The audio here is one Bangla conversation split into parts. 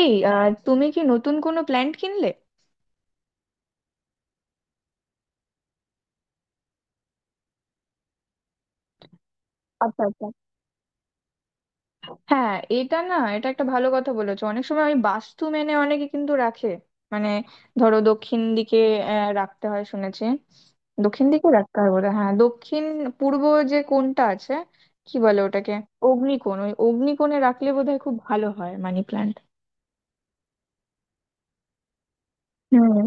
তুমি কি নতুন কোনো প্ল্যান্ট কিনলে? আচ্ছা আচ্ছা। হ্যাঁ এটা না, এটা একটা ভালো কথা বলেছো। অনেক সময় ওই বাস্তু মেনে অনেকে কিন্তু রাখে। মানে, ধরো দক্ষিণ দিকে রাখতে হয় শুনেছি। দক্ষিণ দিকে রাখতে হয় বলে, হ্যাঁ দক্ষিণ পূর্ব যে কোণটা আছে, কি বলে ওটাকে, অগ্নিকোণ। ওই অগ্নিকোণে রাখলে বোধহয় খুব ভালো হয় মানি প্ল্যান্ট। হুম।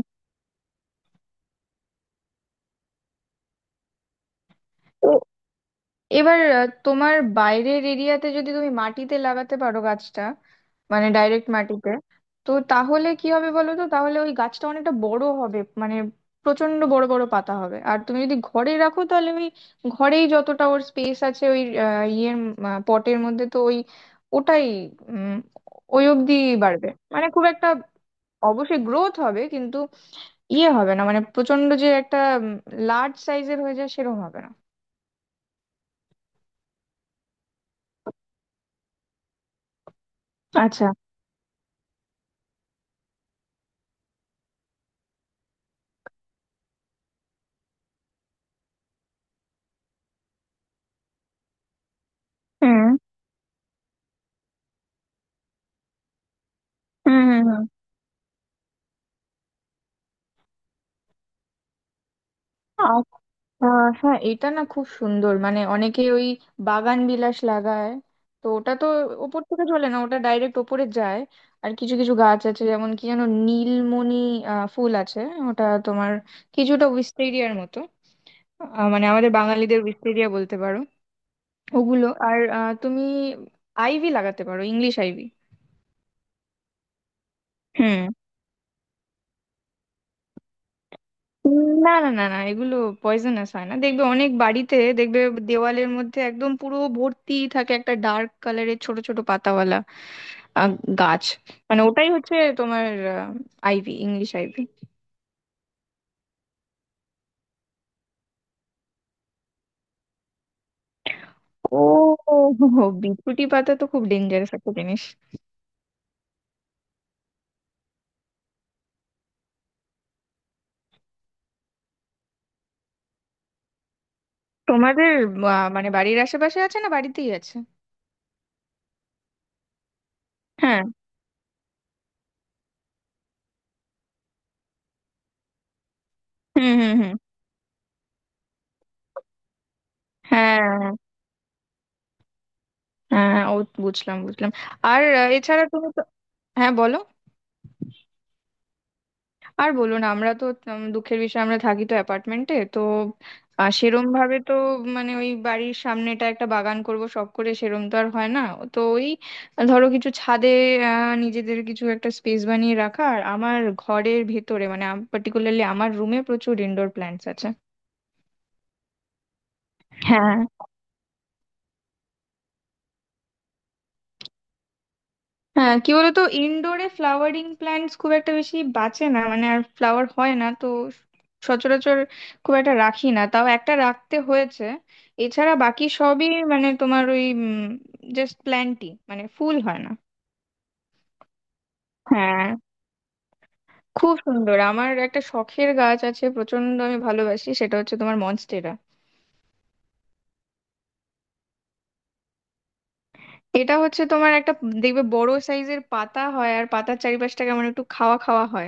তো এবার তোমার বাইরের এরিয়াতে যদি তুমি মাটিতে লাগাতে পারো গাছটা, মানে ডাইরেক্ট মাটিতে, তো তাহলে কি হবে বলো তো, তাহলে ওই গাছটা অনেকটা বড় হবে। মানে প্রচন্ড বড় বড় পাতা হবে। আর তুমি যদি ঘরে রাখো তাহলে ওই ঘরেই যতটা ওর স্পেস আছে, ওই ইয়ের পটের মধ্যে, তো ওই ওটাই উম, ওই অবধি বাড়বে। মানে খুব একটা, অবশ্যই গ্রোথ হবে কিন্তু ইয়ে হবে না, মানে প্রচন্ড যে একটা লার্জ সাইজের হয়ে যায় সেরকম হবে না। আচ্ছা। হুম হুম হুম হুম আর হ্যাঁ এটা না খুব সুন্দর, মানে অনেকে ওই বাগান বিলাস লাগায়। তো ওটা তো ওপর থেকে চলে না, ওটা ডাইরেক্ট ওপরে যায়। আর কিছু কিছু গাছ আছে যেমন, কি যেন, নীলমণি ফুল আছে, ওটা তোমার কিছুটা উইস্টেরিয়ার মতো। মানে আমাদের বাঙালিদের উইস্টেরিয়া বলতে পারো। ওগুলো, আর তুমি আইভি লাগাতে পারো, ইংলিশ আইভি। হুম। না না না না, এগুলো পয়জনাস হয় না। দেখবে অনেক বাড়িতে দেখবে দেওয়ালের মধ্যে একদম পুরো ভর্তি থাকে একটা ডার্ক কালারের ছোট ছোট পাতাওয়ালা আহ, গাছ। মানে ওটাই হচ্ছে তোমার আইভি, ইংলিশ আইভি। ও। হো, হো, বিছুটি পাতা তো খুব ডেঞ্জারাস একটা জিনিস। তোমাদের মানে বাড়ির আশেপাশে আছে, না বাড়িতেই আছে? হ্যাঁ। হুম হুম হুম। হ্যাঁ হ্যাঁ, ও বুঝলাম বুঝলাম। আর এছাড়া তুমি তো, হ্যাঁ বলো। আর বলুন, আমরা তো দুঃখের বিষয় আমরা থাকি তো অ্যাপার্টমেন্টে, তো সেরম ভাবে তো, মানে ওই বাড়ির সামনেটা একটা বাগান করব শখ করে, সেরম তো আর হয় না। তো ওই, ধরো কিছু ছাদে নিজেদের কিছু একটা স্পেস বানিয়ে রাখা, আর আমার ঘরের ভেতরে, মানে পার্টিকুলারলি আমার রুমে প্রচুর ইনডোর প্ল্যান্টস আছে। হ্যাঁ। হ্যাঁ কি বলতো, ইনডোরে ফ্লাওয়ারিং প্ল্যান্টস খুব একটা বেশি বাঁচে না, মানে আর ফ্লাওয়ার হয় না তো সচরাচর। খুব একটা রাখি না, তাও একটা রাখতে হয়েছে। এছাড়া বাকি সবই মানে তোমার ওই জাস্ট প্ল্যান্টই, মানে ফুল হয় না। হ্যাঁ খুব সুন্দর। আমার একটা শখের গাছ আছে, প্রচন্ড আমি ভালোবাসি, সেটা হচ্ছে তোমার মনস্টেরা। এটা হচ্ছে তোমার একটা, দেখবে বড় সাইজের পাতা হয় আর পাতার চারিপাশটা কেমন একটু খাওয়া খাওয়া হয়।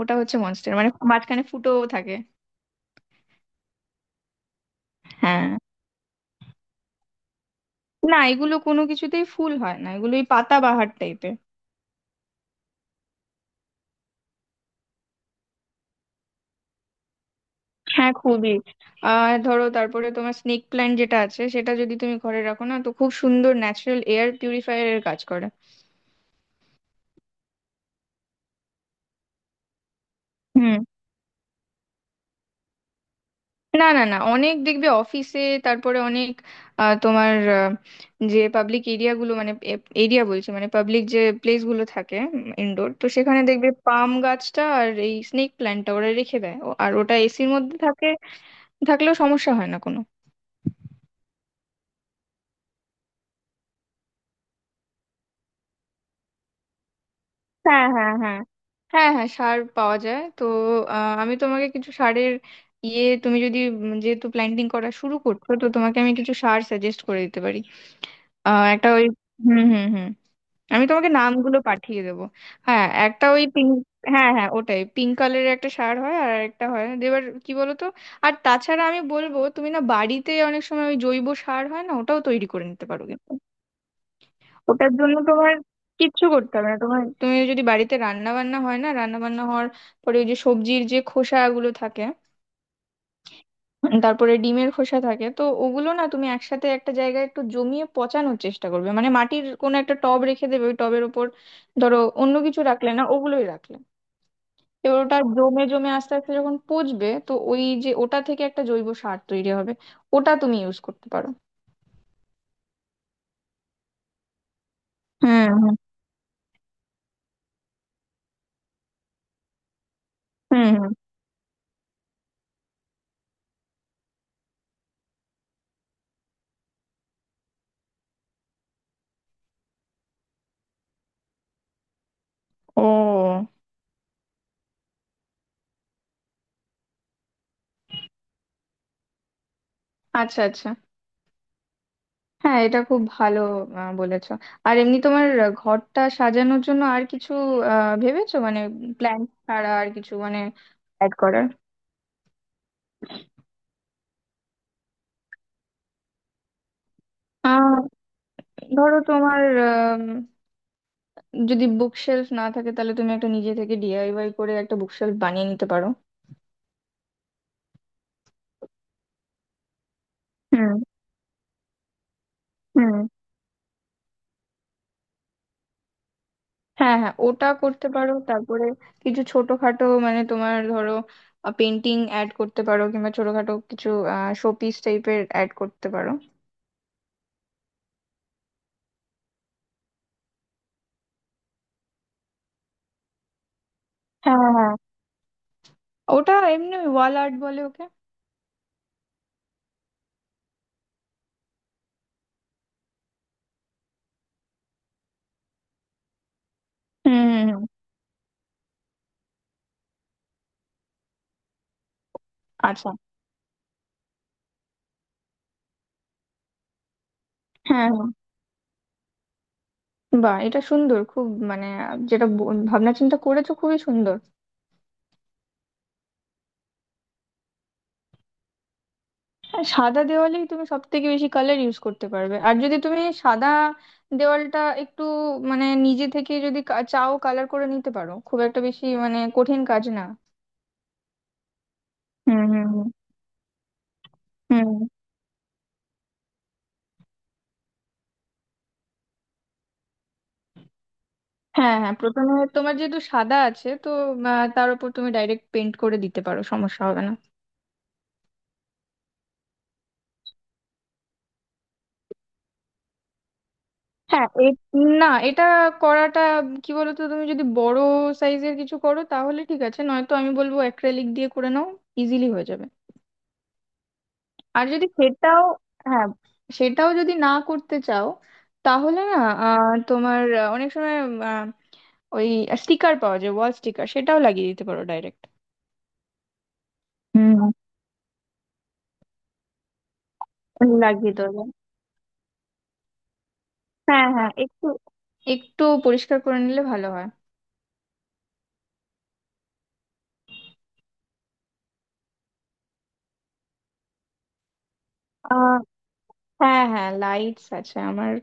ওটা হচ্ছে মনস্টেরা, মানে মাঝখানে ফুটোও থাকে। হ্যাঁ। না এগুলো কোনো কিছুতেই ফুল হয় না, এগুলো ওই পাতাবাহার টাইপের। হ্যাঁ খুবই। আর ধরো তারপরে তোমার স্নেক প্ল্যান্ট যেটা আছে, সেটা যদি তুমি ঘরে রাখো না, তো খুব সুন্দর ন্যাচারাল এয়ার পিউরিফায়ার এর কাজ করে। হুম। না না না, অনেক দেখবে অফিসে, তারপরে অনেক আহ, তোমার আহ, যে পাবলিক এরিয়া গুলো, মানে এরিয়া বলছি মানে পাবলিক যে প্লেস গুলো থাকে ইনডোর, তো সেখানে দেখবে পাম গাছটা আর এই স্নেক প্ল্যান্টটা ওরা রেখে দেয় ও- আর ওটা এসির মধ্যে থাকে। থাকলেও সমস্যা হয় না কোনো। হ্যাঁ হ্যাঁ হ্যাঁ হ্যাঁ হ্যাঁ সার পাওয়া যায় তো। আমি তোমাকে কিছু সারের ইয়ে, তুমি যদি যেহেতু প্ল্যান্টিং করা শুরু করছো তো তোমাকে আমি কিছু সার সাজেস্ট করে দিতে পারি। আহ, একটা ওই হুম হুম হুম। আমি তোমাকে নামগুলো পাঠিয়ে দেবো। হ্যাঁ একটা ওই পিঙ্ক, হ্যাঁ হ্যাঁ ওটাই, পিঙ্ক কালারের একটা সার হয় আর একটা হয়, এবার কি বলো তো। আর তাছাড়া আমি বলবো তুমি না বাড়িতে অনেক সময় ওই জৈব সার হয় না, ওটাও তৈরি করে নিতে পারো। ওটার জন্য তোমার কিচ্ছু করতে হবে না, তোমার তুমি যদি বাড়িতে রান্না বান্না হয় না, রান্না বান্না হওয়ার পরে ওই যে সবজির যে খোসাগুলো থাকে, তারপরে ডিমের খোসা থাকে, তো ওগুলো না তুমি একসাথে একটা জায়গায় একটু জমিয়ে পচানোর চেষ্টা করবে। মানে মাটির কোনো একটা টব রেখে দেবে, ওই টবের ওপর ধরো অন্য কিছু রাখলে না, ওগুলোই রাখলে। এবার ওটা জমে জমে আস্তে আস্তে যখন পচবে তো ওই যে ওটা থেকে একটা জৈব সার তৈরি হবে, ওটা তুমি ইউজ করতে পারো। হুম হুম হুম হুম। ও আচ্ছা আচ্ছা। হ্যাঁ এটা খুব ভালো বলেছো। আর এমনি তোমার ঘরটা সাজানোর জন্য আর কিছু ভেবেছো, মানে প্ল্যান ছাড়া আর কিছু, মানে অ্যাড করার? আহ, ধরো তোমার আম, যদি বুকশেলফ না থাকে, তাহলে তুমি একটা নিজে থেকে ডিআইওয়াই করে একটা বুকশেলফ বানিয়ে নিতে পারো। হুম হুম। হ্যাঁ হ্যাঁ ওটা করতে পারো। তারপরে কিছু ছোটখাটো মানে তোমার ধরো পেন্টিং অ্যাড করতে পারো, কিংবা ছোটখাটো কিছু শোপিস টাইপের অ্যাড করতে পারো। হ্যাঁ। ওটা এমনি ওয়াল আর্ট বলে ওকে। হুম হুম হুম। আচ্ছা। হ্যাঁ হ্যাঁ। বাহ, এটা সুন্দর খুব, মানে যেটা ভাবনা চিন্তা করেছো খুবই সুন্দর। হ্যাঁ সাদা দেওয়ালেই তুমি সব থেকে বেশি কালার ইউজ করতে পারবে। আর যদি তুমি সাদা দেওয়ালটা একটু, মানে নিজে থেকে যদি চাও কালার করে নিতে পারো, খুব একটা বেশি মানে কঠিন কাজ না। হুম হুম হুম হুম। হ্যাঁ হ্যাঁ, প্রথমে তোমার যেহেতু সাদা আছে তো তার উপর তুমি ডাইরেক্ট পেন্ট করে দিতে পারো, সমস্যা হবে না। হ্যাঁ এ না, এটা করাটা, কি বলতো, তুমি যদি বড় সাইজের কিছু করো তাহলে ঠিক আছে, নয়তো আমি বলবো অ্যাক্রেলিক দিয়ে করে নাও, ইজিলি হয়ে যাবে। আর যদি সেটাও, হ্যাঁ সেটাও যদি না করতে চাও, তাহলে না অনেক সময় আহ, ওই স্টিকার পাওয়া যায়, ওয়াল স্টিকার, সেটাও লাগিয়ে দিতে পারো ডাইরেক্ট। হুম। লাগিয়ে দেবো, হ্যাঁ হ্যাঁ একটু, একটু পরিষ্কার করে নিলে ভালো হয়। আহ, হ্যাঁ হ্যাঁ লাইটস আছে আমার,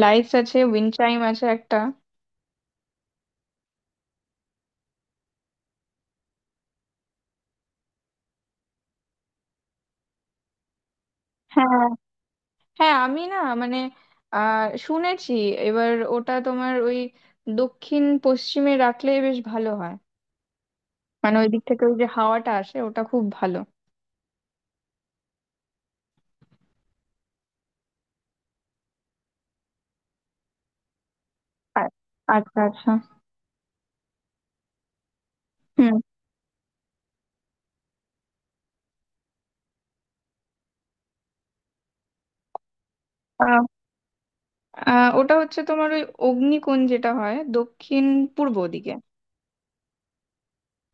লাইটস আছে, উইন্ড চাইম আছে একটা। হ্যাঁ হ্যাঁ আমি না মানে শুনেছি। এবার ওটা তোমার ওই দক্ষিণ পশ্চিমে রাখলে বেশ ভালো হয়। মানে ওই দিক থেকে ওই যে হাওয়াটা আসে ওটা খুব ভালো। আর- আচ্ছা আচ্ছা। হুম। আহ, আহ, ওটা হচ্ছে তোমার ওই অগ্নিকোণ যেটা হয় দক্ষিণ পূর্ব দিকে।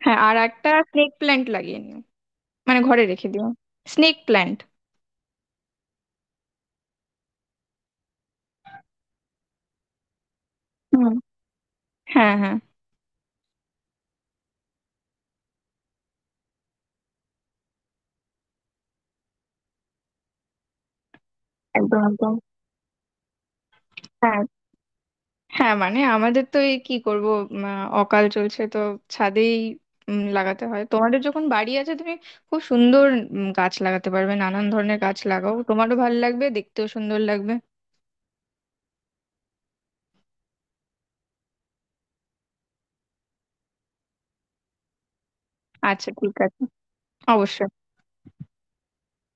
হ্যাঁ আর একটা স্নেক প্ল্যান্ট লাগিয়ে নিও, মানে ঘরে রেখে দিও, স্নেক প্ল্যান্ট। হুম। হ্যাঁ হ্যাঁ। একদম একদম। হ্যাঁ হ্যাঁ, মানে আমাদের তো এই কি করব, উম, অকাল চলছে তো ছাদেই লাগাতে হয়। তোমাদের যখন বাড়ি আছে তুমি খুব সুন্দর গাছ লাগাতে পারবে, নানান ধরনের গাছ লাগাও, তোমারও ভালো লাগবে, দেখতেও সুন্দর লাগবে। আচ্ছা ঠিক আছে। অবশ্যই।